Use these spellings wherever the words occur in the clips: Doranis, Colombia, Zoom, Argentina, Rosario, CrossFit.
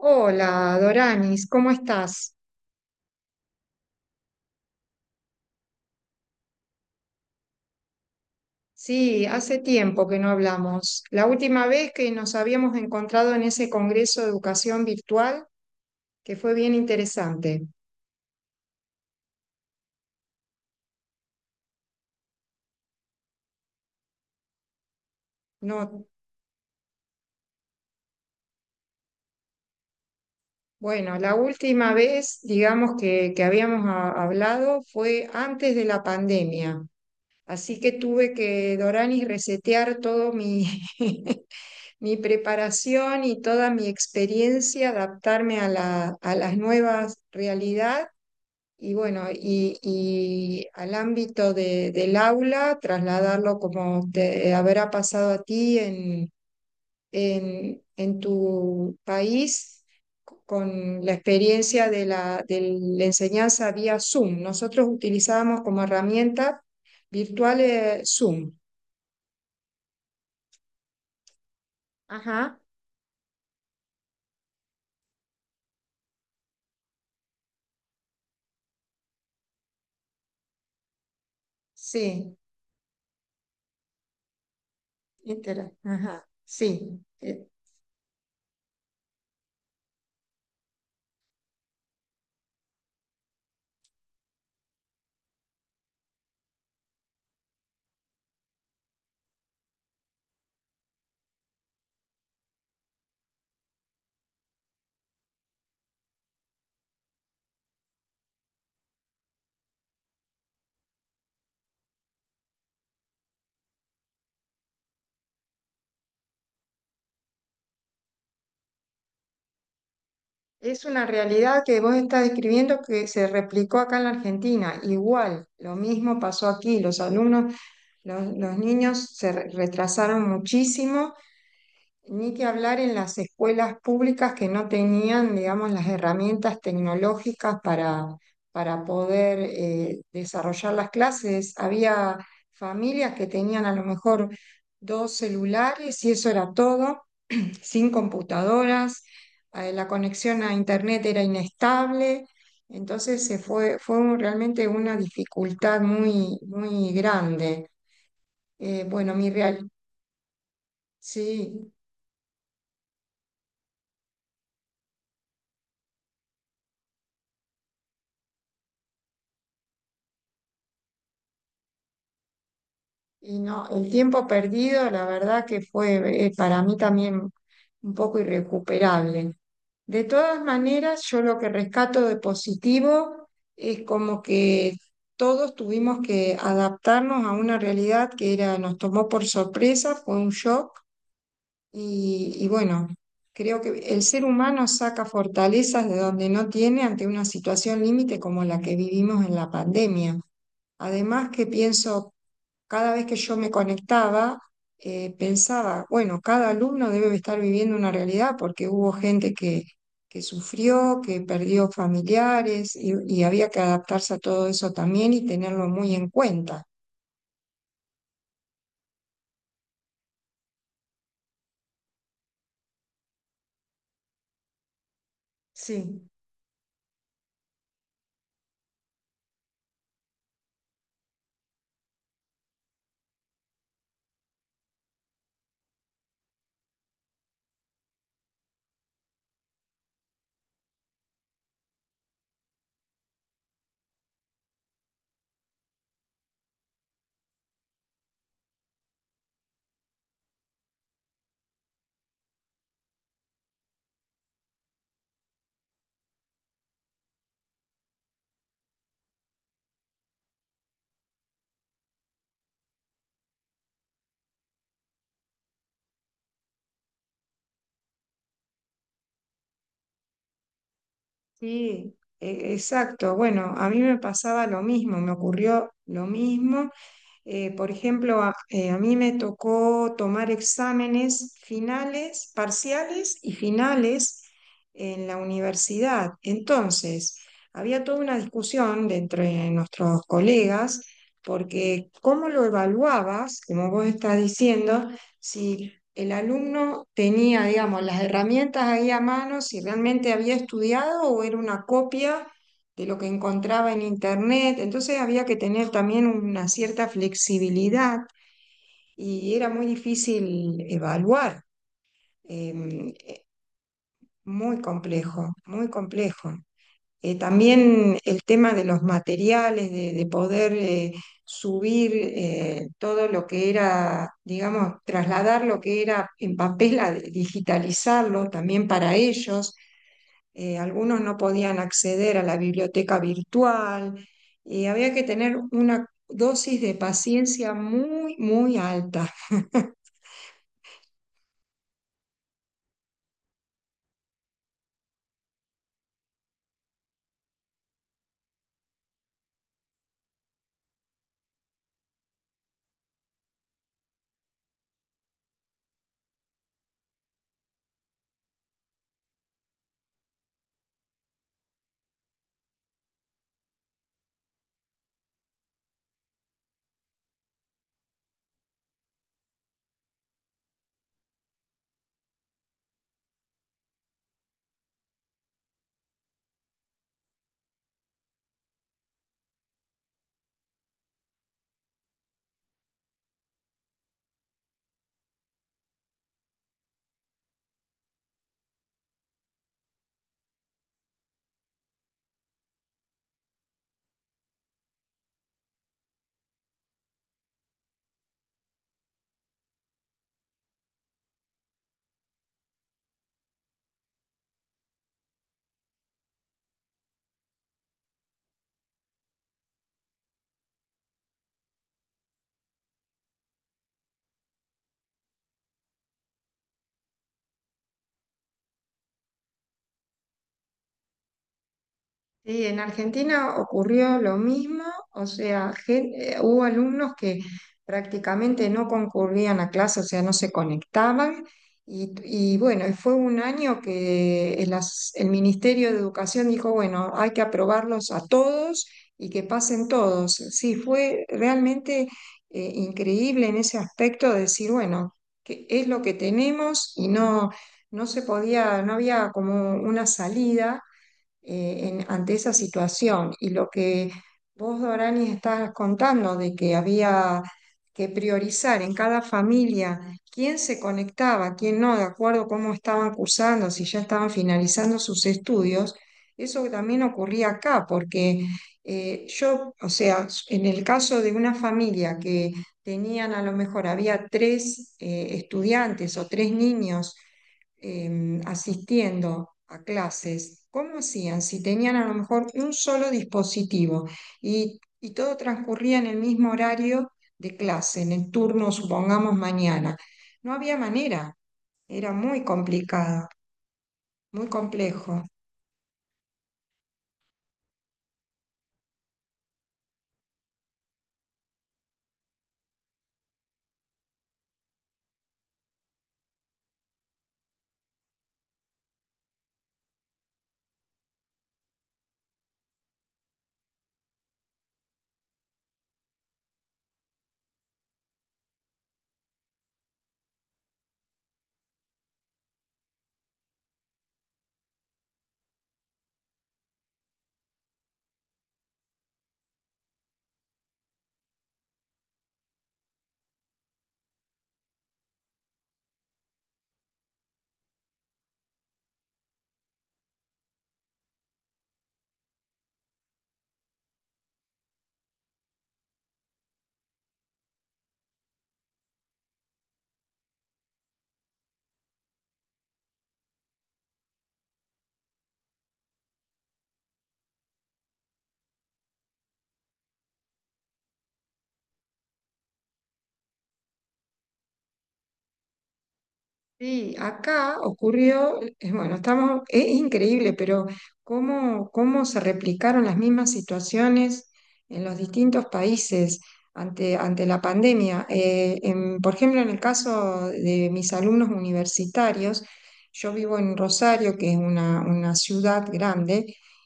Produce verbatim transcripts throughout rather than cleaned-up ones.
Hola, Doranis, ¿cómo estás? Sí, hace tiempo que no hablamos. La última vez que nos habíamos encontrado en ese Congreso de Educación Virtual, que fue bien interesante. No, bueno, la última vez, digamos, que, que habíamos ha- hablado fue antes de la pandemia. Así que tuve que, Doranis, resetear todo mi, mi preparación y toda mi experiencia, adaptarme a la, a las nuevas realidades. Y bueno, y, y al ámbito de, del aula, trasladarlo como te habrá pasado a ti en, en, en tu país con la experiencia de la, de la enseñanza vía Zoom. Nosotros utilizábamos como herramienta virtual eh, Zoom. Ajá, sí, intera- ajá, sí. Eh, Es una realidad que vos estás describiendo que se replicó acá en la Argentina. Igual, lo mismo pasó aquí. Los alumnos, los, los niños se re- retrasaron muchísimo, ni que hablar en las escuelas públicas que no tenían, digamos, las herramientas tecnológicas para, para poder eh, desarrollar las clases. Había familias que tenían a lo mejor dos celulares y eso era todo sin computadoras, eh, la conexión a internet era inestable, entonces se fue, fue un- realmente una dificultad muy, muy grande. Eh, bueno, mi real, sí. Y no, el tiempo perdido, la verdad que fue eh, para mí también un poco irrecuperable. De todas maneras, yo lo que rescato de positivo es como que todos tuvimos que adaptarnos a una realidad que era, nos tomó por sorpresa, fue un shock y, y bueno, creo que el ser humano saca fortalezas de donde no tiene ante una situación límite como la que vivimos en la pandemia. Además que pienso cada vez que yo me conectaba, eh, pensaba, bueno, cada alumno debe estar viviendo una realidad porque hubo gente que, que sufrió, que perdió familiares y, y había que adaptarse a todo eso también y tenerlo muy en cuenta. Sí. Sí, e- exacto. Bueno, a mí me pasaba lo mismo, me ocurrió lo mismo. Eh, por ejemplo, a, eh, a mí me tocó tomar exámenes finales, parciales y finales en la universidad. Entonces, había toda una discusión de entre nuestros colegas, porque cómo lo evaluabas, como vos estás diciendo, si el alumno tenía, digamos, las herramientas ahí a mano, si realmente había estudiado o era una copia de lo que encontraba en internet. Entonces había que tener también una cierta flexibilidad y era muy difícil evaluar. em, eh, muy complejo, muy complejo. Eh, también el tema de los materiales, de, de poder eh, subir eh, todo lo que era, digamos, trasladar lo que era en papel, a digitalizarlo también para ellos. Eh, algunos no podían acceder a la biblioteca virtual. Eh, había que tener una dosis de paciencia muy, muy alta. Sí, en Argentina ocurrió lo mismo, o sea, gen- eh, hubo alumnos que prácticamente no concurrían a clase, o sea, no se conectaban. Y, y bueno, fue un año que el, as- el Ministerio de Educación dijo, bueno, hay que aprobarlos a todos y que pasen todos. Sí, fue realmente eh, increíble en ese aspecto de decir, bueno, que es lo que tenemos y no, no se podía, no había como una salida eh, en- ante esa situación. Y lo que vos, Dorani, estás contando de que había que priorizar en cada familia quién se conectaba, quién no, de acuerdo a cómo estaban cursando, si ya estaban finalizando sus estudios, eso también ocurría acá, porque eh, yo, o sea, en el caso de una familia que tenían a lo mejor, había tres eh, estudiantes o tres niños, eh, asistiendo a clases, ¿cómo hacían si tenían a lo mejor un solo dispositivo y, y todo transcurría en el mismo horario de clase, en el turno, supongamos, mañana? No había manera, era muy complicado, muy complejo. Sí, acá ocurrió, eh, bueno, estamos, es increíble, pero cómo, cómo se replicaron las mismas situaciones en los distintos países ante, ante la pandemia. Eh, en- por ejemplo, en el caso de mis alumnos universitarios, yo vivo en Rosario, que es una, una ciudad grande,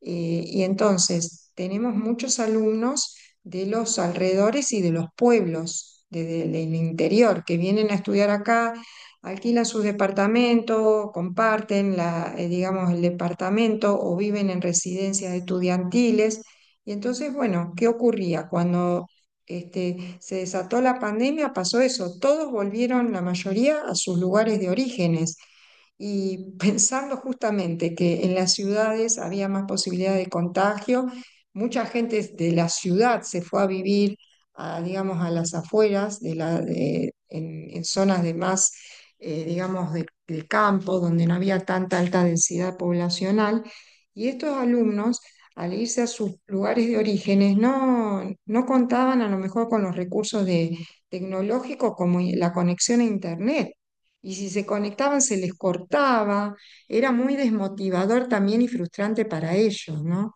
eh, y entonces tenemos muchos alumnos de los alrededores y de los pueblos, de- de- del interior, que vienen a estudiar acá, alquilan sus departamentos, comparten la, eh, digamos, el departamento o viven en residencias estudiantiles. Y entonces, bueno, ¿qué ocurría? Cuando este, se desató la pandemia, pasó eso. Todos volvieron, la mayoría, a sus lugares de orígenes. Y pensando justamente que en las ciudades había más posibilidad de contagio, mucha gente de la ciudad se fue a vivir, a, digamos, a las afueras, de la, de, en, en zonas de más eh, digamos, de- del campo, donde no había tanta alta densidad poblacional, y estos alumnos, al irse a sus lugares de orígenes, no, no contaban a lo mejor con los recursos de, tecnológicos como i- la conexión a Internet. Y si se conectaban, se les cortaba, era muy desmotivador también y frustrante para ellos, ¿no?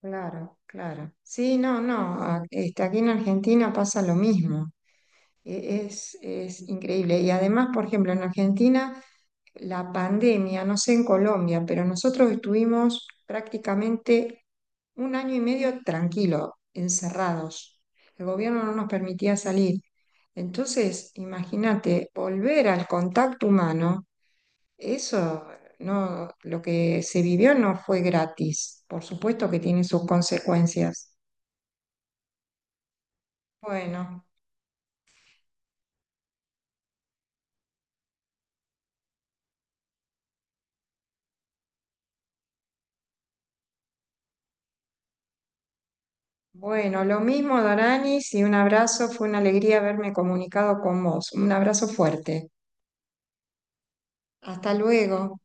Claro, claro. Sí, no, no, a- este, aquí en Argentina pasa lo mismo. E- Es, es increíble. Y además, por ejemplo, en Argentina, la pandemia, no sé en Colombia, pero nosotros estuvimos prácticamente un año y medio tranquilo, encerrados. El gobierno no nos permitía salir. Entonces, imagínate, volver al contacto humano, eso no, lo que se vivió no fue gratis. Por supuesto que tiene sus consecuencias. Bueno. Bueno, lo mismo, Doranis, y un abrazo. Fue una alegría haberme comunicado con vos. Un abrazo fuerte. Hasta luego.